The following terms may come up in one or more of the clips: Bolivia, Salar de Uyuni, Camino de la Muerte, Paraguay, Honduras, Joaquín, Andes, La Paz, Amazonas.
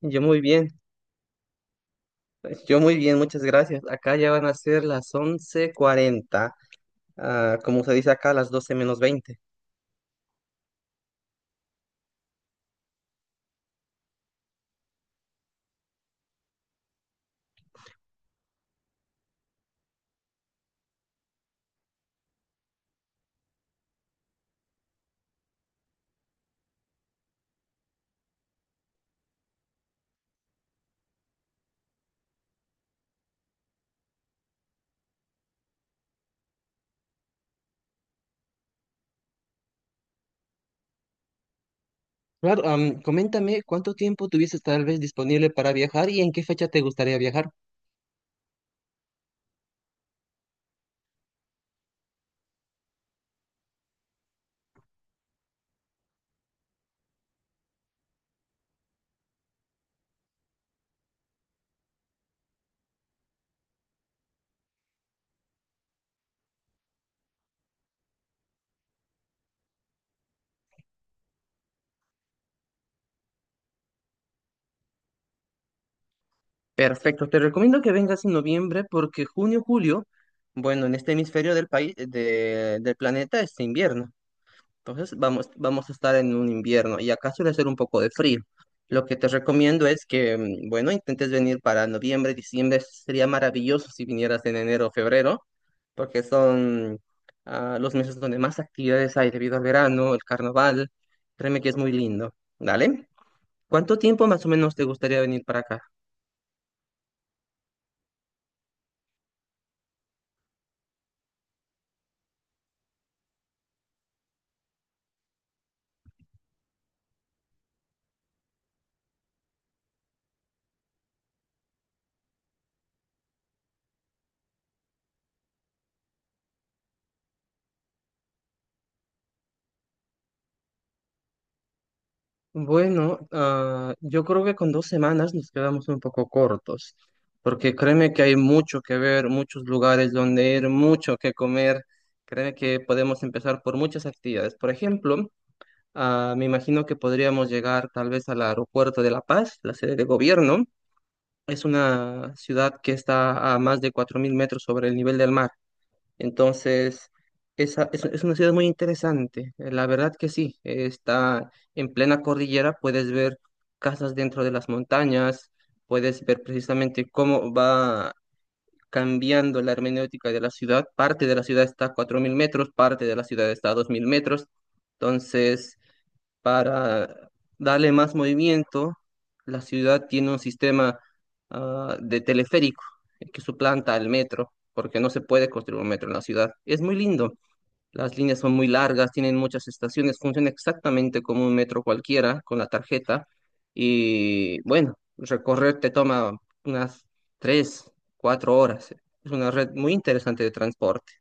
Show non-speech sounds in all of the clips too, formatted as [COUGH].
Yo muy bien, muchas gracias. Acá ya van a ser las 11:40, como se dice acá, las 12 menos 20. Claro, coméntame cuánto tiempo tuvieses tal vez disponible para viajar y en qué fecha te gustaría viajar. Perfecto, te recomiendo que vengas en noviembre porque junio, julio, bueno, en este hemisferio del país, del planeta es invierno. Entonces vamos a estar en un invierno y acá suele hacer un poco de frío. Lo que te recomiendo es que, bueno, intentes venir para noviembre, diciembre. Sería maravilloso si vinieras en enero o febrero, porque son los meses donde más actividades hay debido al verano, el carnaval. Créeme que es muy lindo. ¿Dale? ¿Cuánto tiempo más o menos te gustaría venir para acá? Bueno, yo creo que con dos semanas nos quedamos un poco cortos, porque créeme que hay mucho que ver, muchos lugares donde ir, mucho que comer. Créeme que podemos empezar por muchas actividades. Por ejemplo, me imagino que podríamos llegar tal vez al aeropuerto de La Paz, la sede de gobierno. Es una ciudad que está a más de 4.000 metros sobre el nivel del mar. Entonces, es una ciudad muy interesante, la verdad que sí, está en plena cordillera, puedes ver casas dentro de las montañas, puedes ver precisamente cómo va cambiando la hermenéutica de la ciudad, parte de la ciudad está a 4.000 metros, parte de la ciudad está a 2.000 metros, entonces para darle más movimiento, la ciudad tiene un sistema de teleférico que suplanta al metro, porque no se puede construir un metro en la ciudad. Es muy lindo. Las líneas son muy largas, tienen muchas estaciones, funciona exactamente como un metro cualquiera con la tarjeta. Y bueno, recorrer te toma unas tres, cuatro horas. Es una red muy interesante de transporte.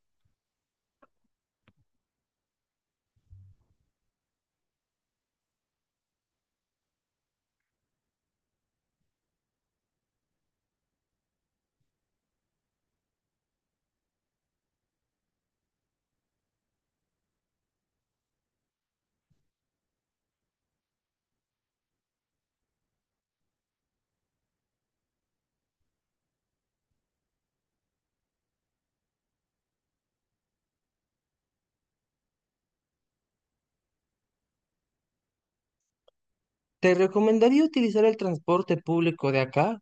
Te recomendaría utilizar el transporte público de acá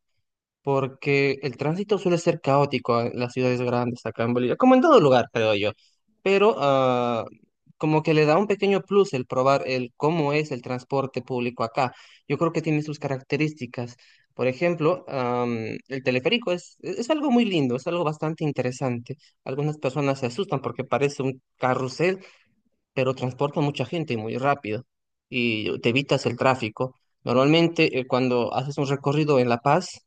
porque el tránsito suele ser caótico en las ciudades grandes acá en Bolivia, como en todo lugar, creo yo, pero como que le da un pequeño plus el probar el cómo es el transporte público acá. Yo creo que tiene sus características. Por ejemplo, el teleférico es algo muy lindo, es algo bastante interesante. Algunas personas se asustan porque parece un carrusel, pero transporta mucha gente y muy rápido y te evitas el tráfico. Normalmente, cuando haces un recorrido en La Paz,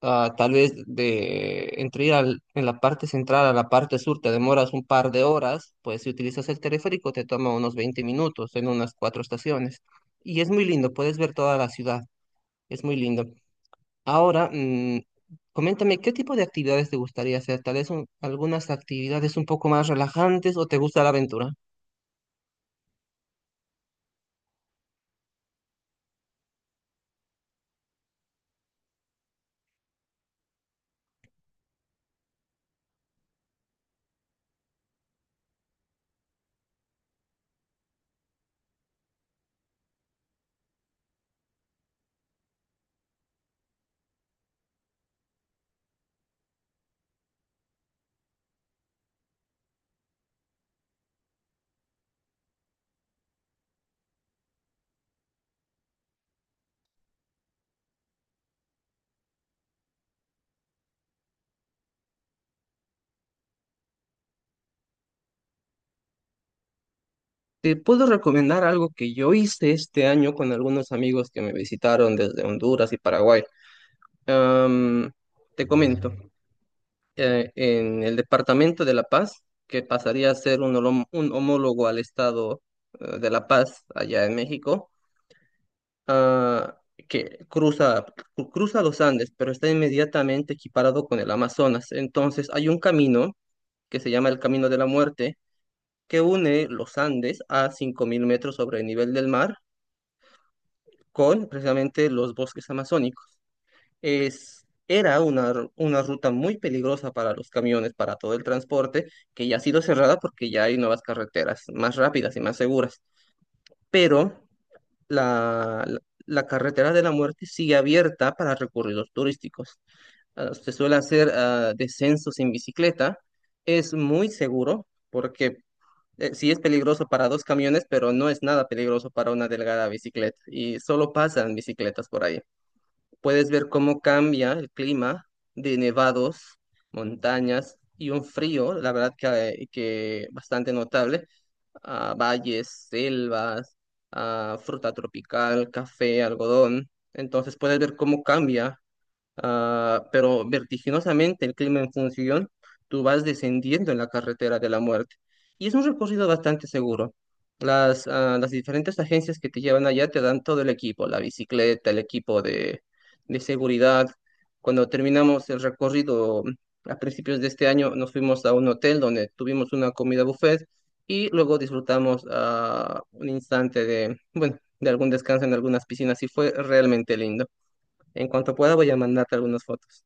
Tal vez de entre ir en la parte central a la parte sur te demoras un par de horas, pues si utilizas el teleférico te toma unos 20 minutos en unas cuatro estaciones. Y es muy lindo, puedes ver toda la ciudad, es muy lindo. Ahora, coméntame, ¿qué tipo de actividades te gustaría hacer? Tal vez algunas actividades un poco más relajantes o te gusta la aventura. Te puedo recomendar algo que yo hice este año con algunos amigos que me visitaron desde Honduras y Paraguay. Am, te comento. Eh, en el Departamento de La Paz, que pasaría a ser un, un homólogo al Estado de La Paz, allá en México, ah, que cruza, cruza los Andes, pero está inmediatamente equiparado con el Amazonas. Entonces hay un camino que se llama el Camino de la Muerte, que une los Andes a 5.000 metros sobre el nivel del mar con precisamente los bosques amazónicos. Era una ruta muy peligrosa para los camiones, para todo el transporte, que ya ha sido cerrada porque ya hay nuevas carreteras más rápidas y más seguras. Pero la, la, la carretera de la muerte sigue abierta para recorridos turísticos. Se suele hacer descensos en bicicleta. Es muy seguro porque sí es peligroso para dos camiones, pero no es nada peligroso para una delgada bicicleta. Y solo pasan bicicletas por ahí. Puedes ver cómo cambia el clima de nevados, montañas y un frío, la verdad que bastante notable, a valles, selvas, a fruta tropical, café, algodón. Entonces puedes ver cómo cambia pero vertiginosamente el clima en función, tú vas descendiendo en la carretera de la muerte. Y es un recorrido bastante seguro. Las diferentes agencias que te llevan allá te dan todo el equipo, la bicicleta, el equipo de seguridad. Cuando terminamos el recorrido a principios de este año, nos fuimos a un hotel donde tuvimos una comida buffet y luego disfrutamos un instante de, bueno, de algún descanso en algunas piscinas y fue realmente lindo. En cuanto pueda voy a mandarte algunas fotos.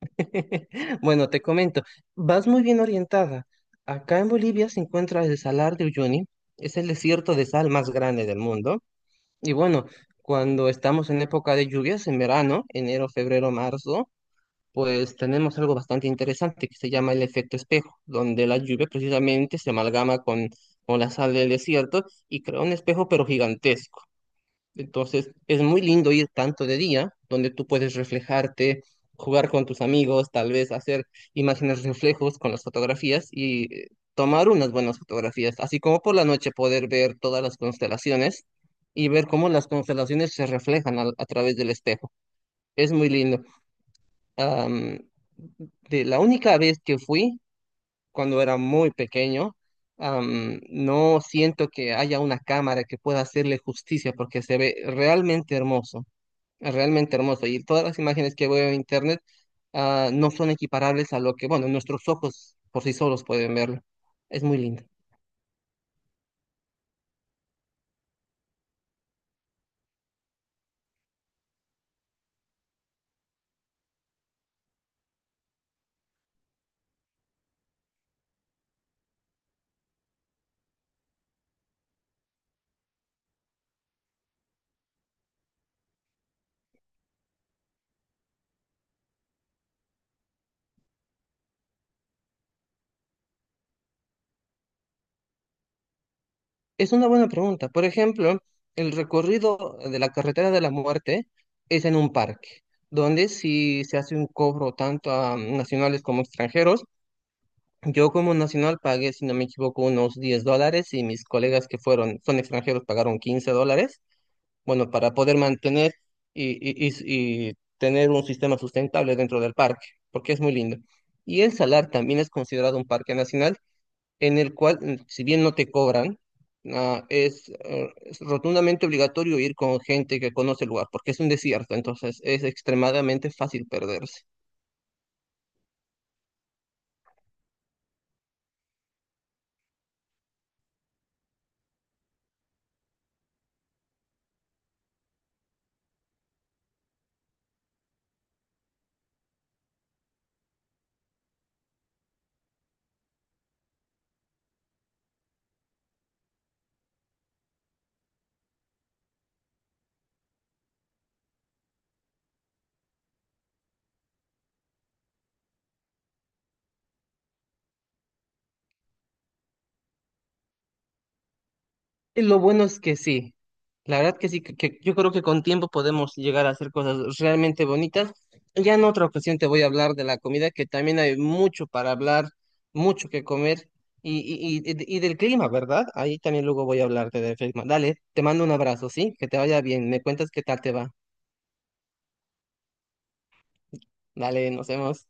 [LAUGHS] Bueno, te comento, vas muy bien orientada. Acá en Bolivia se encuentra el Salar de Uyuni, es el desierto de sal más grande del mundo. Y bueno, cuando estamos en época de lluvias, en verano, enero, febrero, marzo, pues tenemos algo bastante interesante que se llama el efecto espejo, donde la lluvia precisamente se amalgama con la sal del desierto y crea un espejo pero gigantesco. Entonces, es muy lindo ir tanto de día, donde tú puedes reflejarte, jugar con tus amigos, tal vez hacer imágenes reflejos con las fotografías y tomar unas buenas fotografías, así como por la noche poder ver todas las constelaciones y ver cómo las constelaciones se reflejan través del espejo. Es muy lindo. Am, de la única vez que fui, cuando era muy pequeño, no siento que haya una cámara que pueda hacerle justicia porque se ve realmente hermoso. Es realmente hermoso. Y todas las imágenes que veo en internet no son equiparables a lo que, bueno, nuestros ojos por sí solos pueden verlo. Es muy lindo. Es una buena pregunta. Por ejemplo, el recorrido de la carretera de la muerte es en un parque, donde si se hace un cobro tanto a nacionales como extranjeros, yo como nacional pagué, si no me equivoco, unos $10 y mis colegas que fueron, son extranjeros, pagaron $15. Bueno, para poder mantener y tener un sistema sustentable dentro del parque, porque es muy lindo. Y el Salar también es considerado un parque nacional en el cual, si bien no te cobran, es rotundamente obligatorio ir con gente que conoce el lugar, porque es un desierto, entonces es extremadamente fácil perderse. Y lo bueno es que sí, la verdad que sí, que yo creo que con tiempo podemos llegar a hacer cosas realmente bonitas. Ya en otra ocasión te voy a hablar de la comida, que también hay mucho para hablar, mucho que comer y del clima, ¿verdad? Ahí también luego voy a hablarte del clima. Dale, te mando un abrazo, ¿sí? Que te vaya bien, me cuentas qué tal te va. Dale, nos vemos.